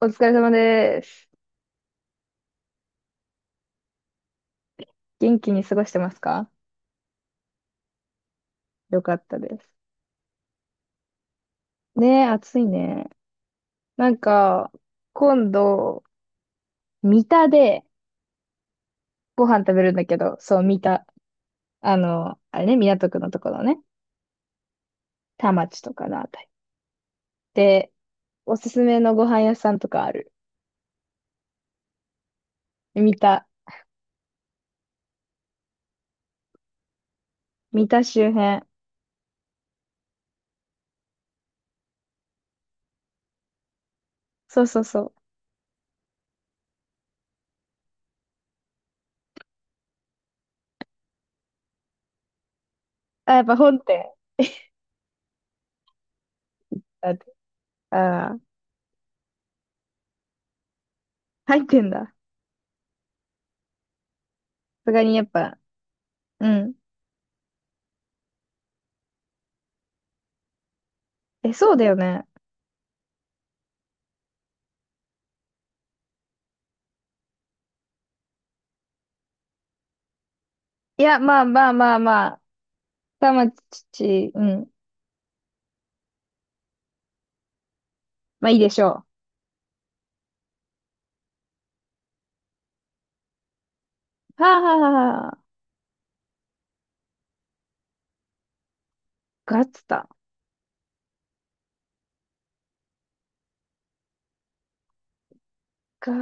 お疲れ様です。元気に過ごしてますか？よかったです。ねえ、暑いね。なんか、今度、三田でご飯食べるんだけど、そう、三田。あの、あれね、港区のところね。田町とかのあたり。で、おすすめのご飯屋さんとかある？三田。三田周辺。そうそうそう。あ、やっぱ本店。だって、ああ、入ってんだ。さすがにやっぱ、うん。え、そうだよね。いや、まあまあまあまあ。田町、うん。まあいいでしょう。はあ、ガッツだ。ガ、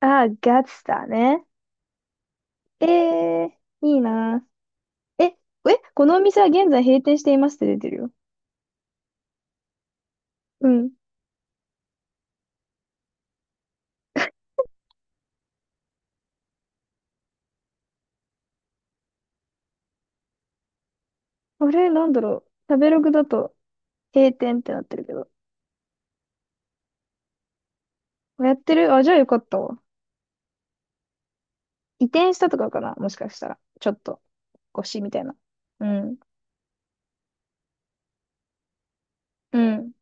あー、ガッツだね。ええー、いいな。え、え、このお店は現在閉店していますって出てるよ。うん。あれ、なんだろう。食べログだと閉店ってなってるけど。やってる？あ、じゃあよかったわ。移転したとかかなもしかしたら。ちょっと、腰みたいな。うん。うん。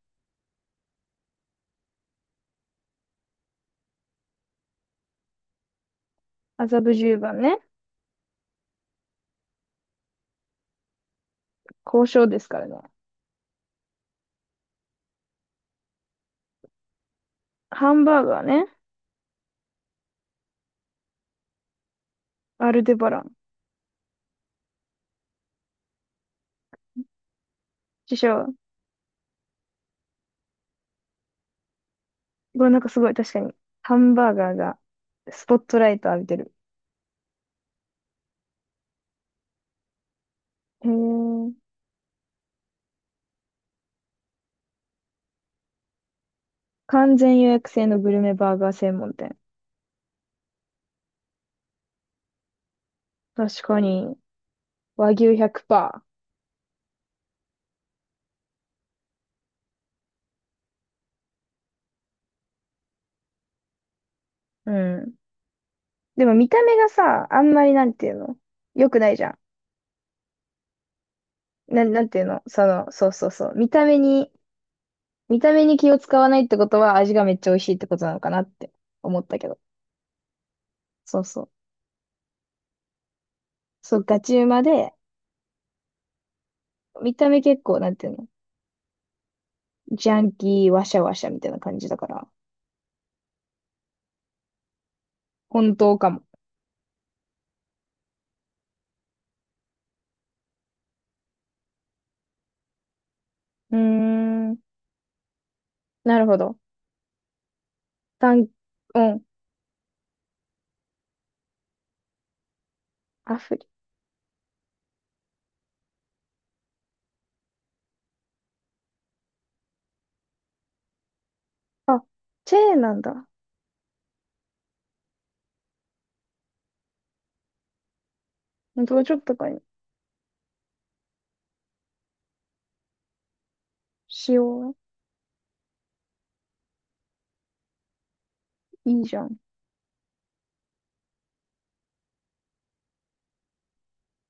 麻布十番ね。交渉ですからね。ハンバーガーね。アルデバラン。師匠。これなんかすごい確かに、ハンバーガーがスポットライト浴びてる。へえ。完全予約制のグルメバーガー専門店。確かに、和牛100%。うん。でも見た目がさ、あんまりなんていうの、良くないじゃん。な、なんていうのその、そうそうそう。見た目に、見た目に気を使わないってことは味がめっちゃ美味しいってことなのかなって思ったけど。そうそう。そう、ガチうまで、見た目結構なんていうの、ジャンキー、ワシャワシャみたいな感じだから、本当かも。うーん。なるほど。単、ン、うん。アフリ。あ、チェーンなんだ。どうちょっとかにしよう。いいじゃん。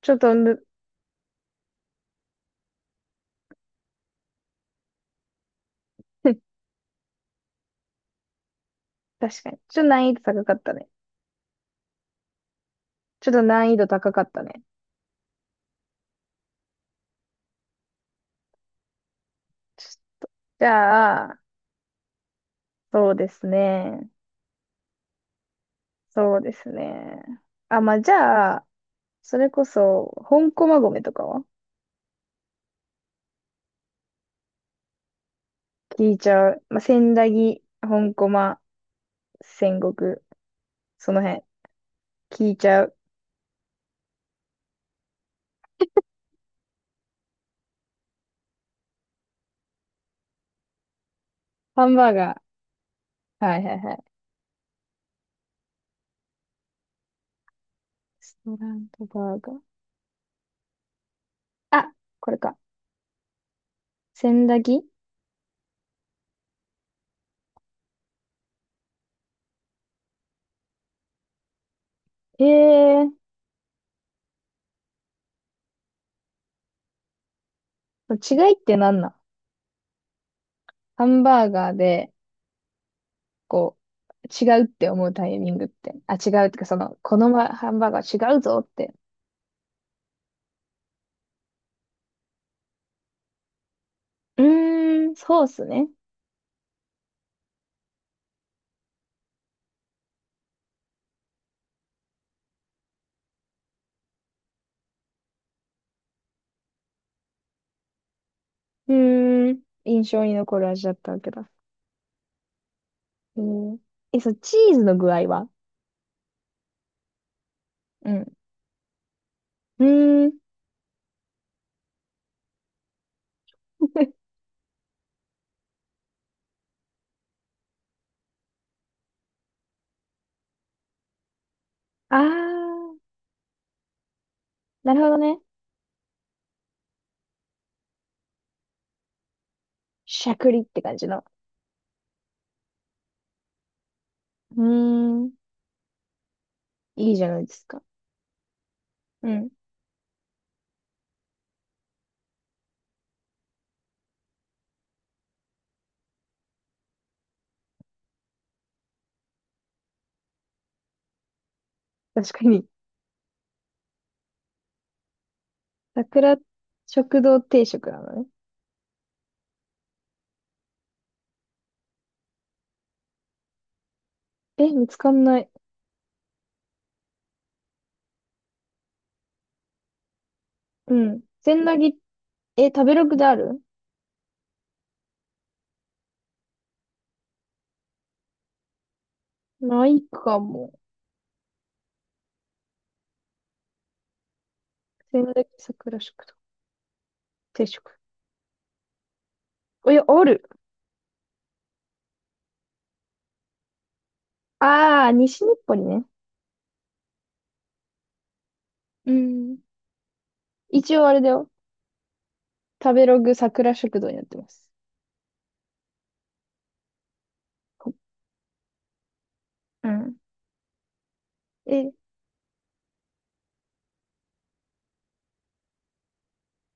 ちょっとむ、確かに。ちょっと難易度高かったね。ちょっと難易度高かったね。じゃあ、そうですね。そうですね。あ、まあ、じゃあ、それこそ、本駒込とかは聞いちゃう。まあ、千駄木、本駒、戦国、その辺、聞いちゃう。ハンバーガー。はいはいはい。ストラントバーガー。あ、これか。千駄木ええー、違いって何なん？ハンバーガーで、こう、違うって思うタイミングって。あ、違うってか、その、このまハンバーガー違うぞって。うーん、そうっすね。うーん、印象に残る味だったわけだ。えー、え、そう、チーズの具合は？うん。うーん。あー、なるほどね。しゃくりって感じの。うーん、いいじゃないですか。うん。確かに。桜食堂定食なのね。え、見つかんない。うん。千駄木、え、食べログである？ないかも。千駄木桜食堂定食。おや、ある。あー、西日暮里ね。うん。一応あれだよ。食べログ桜食堂になってます。こうん。え、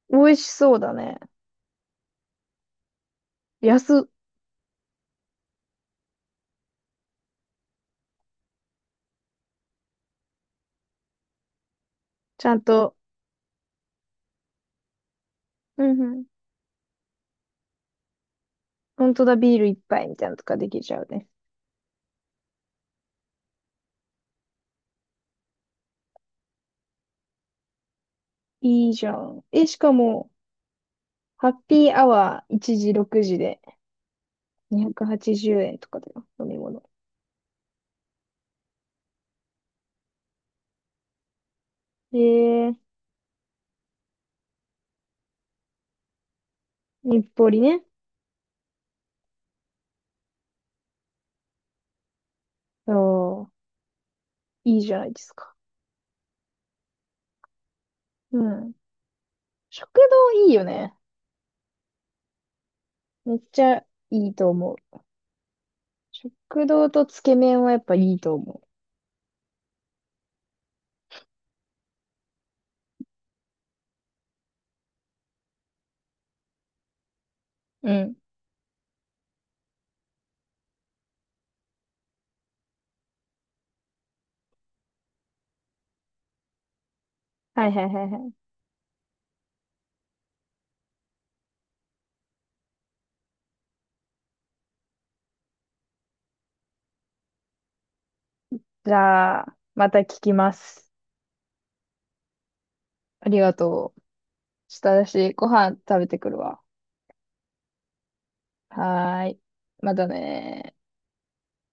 美味しそうだね。安、ちゃんと。うんうん。本当だ、ビール一杯みたいなのとかできちゃうね。いいじゃん。え、しかも、ハッピーアワー1時6時で280円とかだよ、飲み物。で、日暮里ね。そう、いいじゃないですか。うん。食堂いいよね。めっちゃいいと思う。食堂とつけ麺はやっぱいいと思う。うん。はいはいはいはい。じゃあ、また聞きます。ありがとう。ちょっと私、ご飯食べてくるわ。はーい。またねー。